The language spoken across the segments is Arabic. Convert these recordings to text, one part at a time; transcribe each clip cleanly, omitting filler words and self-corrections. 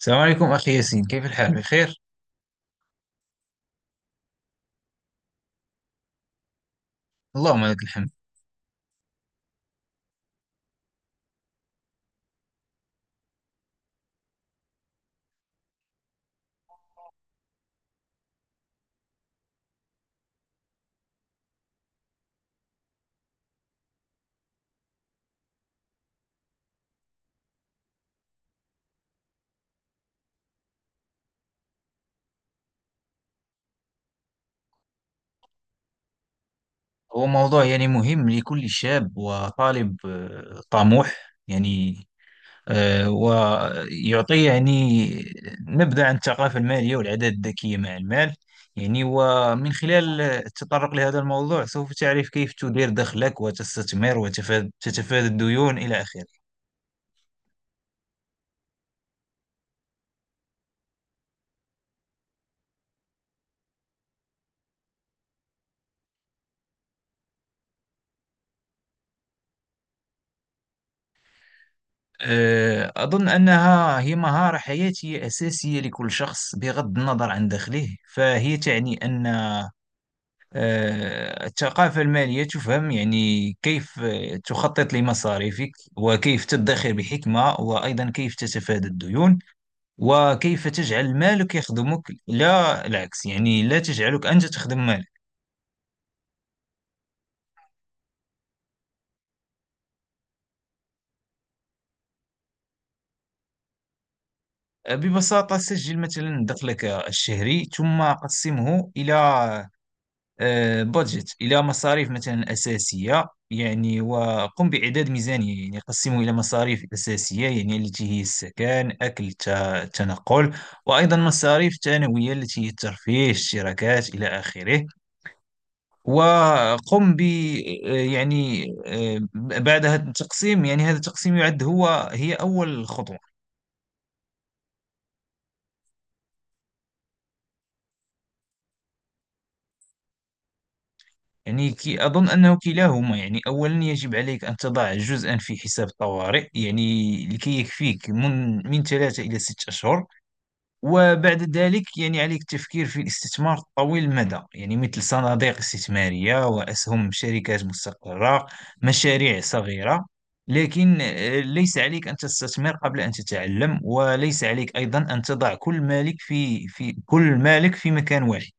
السلام عليكم أخي ياسين، كيف الحال؟ بخير؟ اللهم لك الحمد. هو موضوع مهم لكل شاب وطالب طموح. يعني ويعطي نبذة عن الثقافة المالية والعادات الذكية مع المال. ومن خلال التطرق لهذا الموضوع، سوف تعرف كيف تدير دخلك وتستثمر وتتفادى الديون إلى آخره. أظن أنها هي مهارة حياتية أساسية لكل شخص بغض النظر عن دخله. فهي تعني أن الثقافة المالية تفهم كيف تخطط لمصاريفك، وكيف تدخر بحكمة، وأيضا كيف تتفادى الديون، وكيف تجعل مالك يخدمك لا العكس، لا تجعلك أنت تخدم مالك. ببساطة سجل مثلا دخلك الشهري، ثم قسمه إلى بودجت، إلى مصاريف مثلا أساسية، وقم بإعداد ميزانية، قسمه إلى مصاريف أساسية التي هي السكن، أكل، التنقل، وأيضا مصاريف ثانوية التي هي الترفيه، الاشتراكات إلى آخره. وقم ب آه، يعني آه، بعد هذا التقسيم، هذا التقسيم يعد هي أول خطوة. يعني كي أظن أنه كلاهما. أولا يجب عليك أن تضع جزءا في حساب الطوارئ، لكي يكفيك من 3 إلى 6 أشهر. وبعد ذلك عليك التفكير في الاستثمار طويل المدى، مثل صناديق استثمارية وأسهم شركات مستقرة، مشاريع صغيرة. لكن ليس عليك أن تستثمر قبل أن تتعلم، وليس عليك أيضا أن تضع كل مالك في مكان واحد.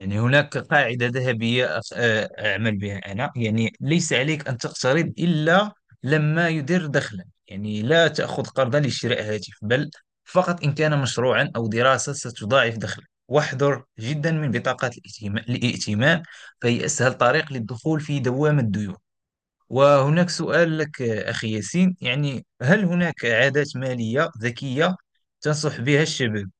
هناك قاعدة ذهبية، أعمل بها أنا. ليس عليك أن تقترض إلا لما يدر دخلا. لا تأخذ قرضا لشراء هاتف، بل فقط إن كان مشروعا أو دراسة ستضاعف دخلك. واحذر جدا من بطاقات الائتمان، فهي أسهل طريق للدخول في دوامة الديون. وهناك سؤال لك أخي ياسين، هل هناك عادات مالية ذكية تنصح بها الشباب؟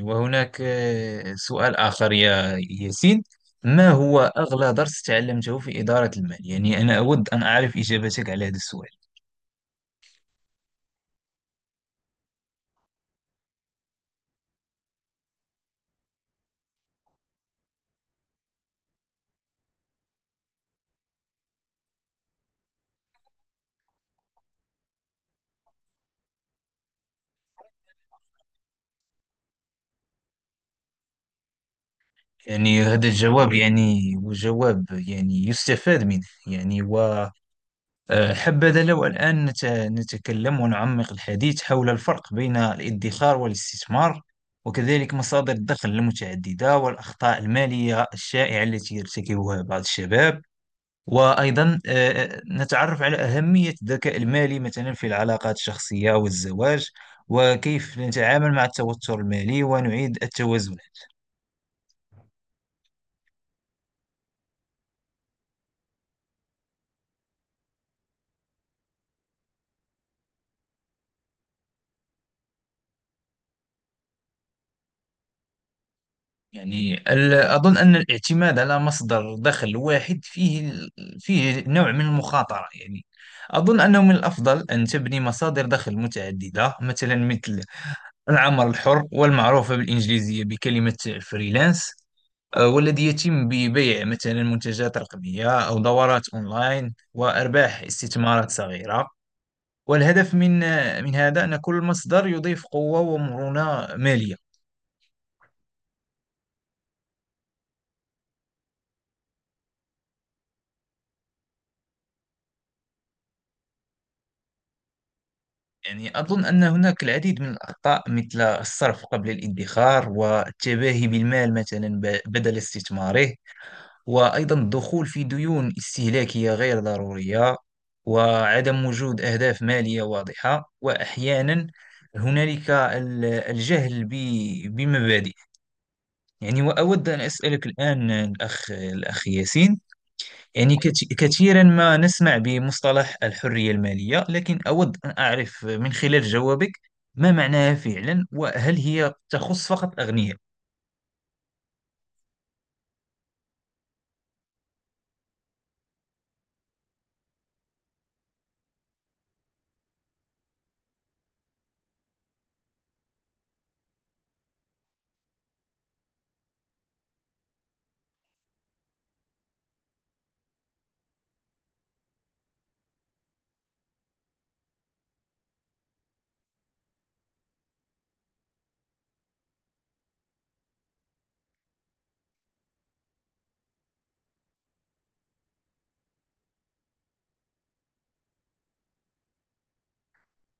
وهناك سؤال آخر يا ياسين، ما هو أغلى درس تعلمته في إدارة المال؟ أنا أود أن أعرف إجابتك على هذا السؤال. هذا الجواب يعني هو جواب يستفاد منه. وحبذا لو الآن نتكلم ونعمق الحديث حول الفرق بين الادخار والاستثمار، وكذلك مصادر الدخل المتعددة، والأخطاء المالية الشائعة التي يرتكبها بعض الشباب. وأيضا نتعرف على أهمية الذكاء المالي مثلا في العلاقات الشخصية والزواج، وكيف نتعامل مع التوتر المالي ونعيد التوازن. أظن أن الاعتماد على مصدر دخل واحد فيه نوع من المخاطرة. أظن أنه من الأفضل أن تبني مصادر دخل متعددة، مثل العمل الحر والمعروفة بالإنجليزية بكلمة فريلانس، والذي يتم ببيع مثلا منتجات رقمية أو دورات أونلاين وأرباح استثمارات صغيرة. والهدف من هذا أن كل مصدر يضيف قوة ومرونة مالية. أظن أن هناك العديد من الأخطاء، مثل الصرف قبل الادخار، والتباهي بالمال مثلا بدل استثماره، وأيضا الدخول في ديون استهلاكية غير ضرورية، وعدم وجود أهداف مالية واضحة، وأحيانا هنالك الجهل بمبادئ. وأود أن أسألك الآن الأخ ياسين، كثيرا ما نسمع بمصطلح الحرية المالية، لكن أود أن أعرف من خلال جوابك، ما معناها فعلا، وهل هي تخص فقط الأغنياء؟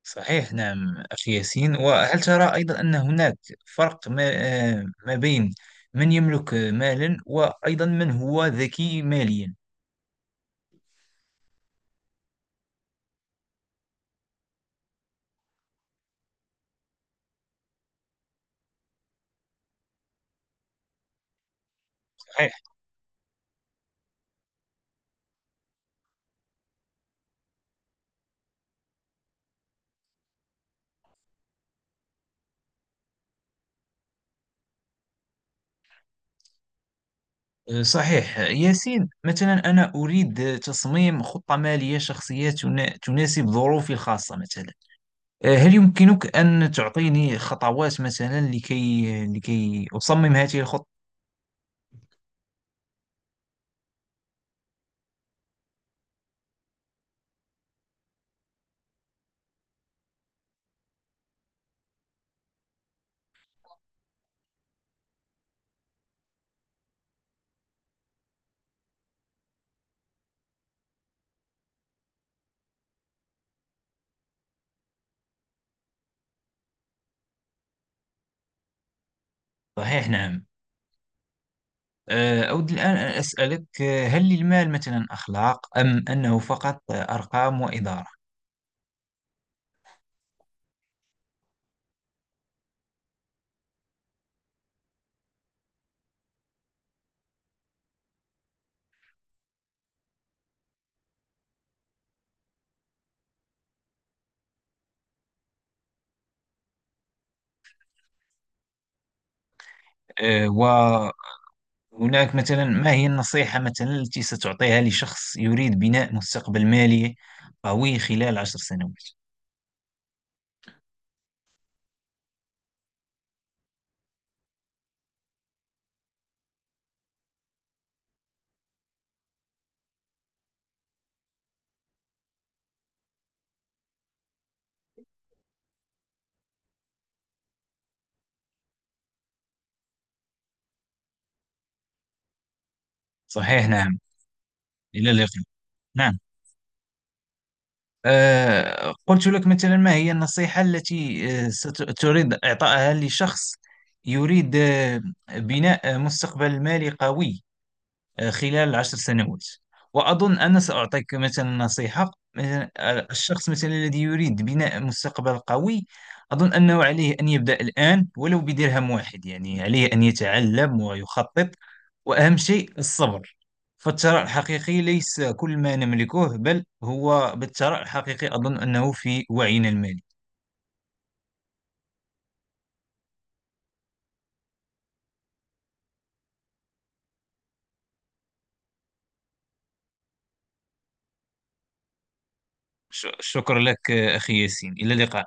صحيح، نعم أخي ياسين. وهل ترى أيضا أن هناك فرق ما، ما بين من يملك مالا وأيضا من هو ذكي ماليا؟ صحيح. صحيح ياسين، مثلا أنا أريد تصميم خطة مالية شخصية تناسب ظروفي الخاصة. مثلا هل يمكنك أن تعطيني خطوات مثلا لكي أصمم هذه الخطة؟ صحيح، نعم. أود الآن أن أسألك، هل للمال مثلا أخلاق، أم أنه فقط أرقام وإدارة؟ وهناك مثلا، ما هي النصيحة مثلا التي ستعطيها لشخص يريد بناء مستقبل مالي قوي خلال 10 سنوات؟ صحيح، نعم. إلى اللقاء. نعم، قلت لك مثلا، ما هي النصيحة التي ستريد إعطائها لشخص يريد بناء مستقبل مالي قوي خلال 10 سنوات؟ وأظن أنا سأعطيك مثلا نصيحة. مثلا الشخص مثلا الذي يريد بناء مستقبل قوي، أظن أنه عليه أن يبدأ الآن ولو بدرهم واحد. عليه أن يتعلم ويخطط، وأهم شيء الصبر. فالثراء الحقيقي ليس كل ما نملكه، بل هو، بالثراء الحقيقي أظن أنه في وعينا المالي. شكرا لك أخي ياسين، إلى اللقاء.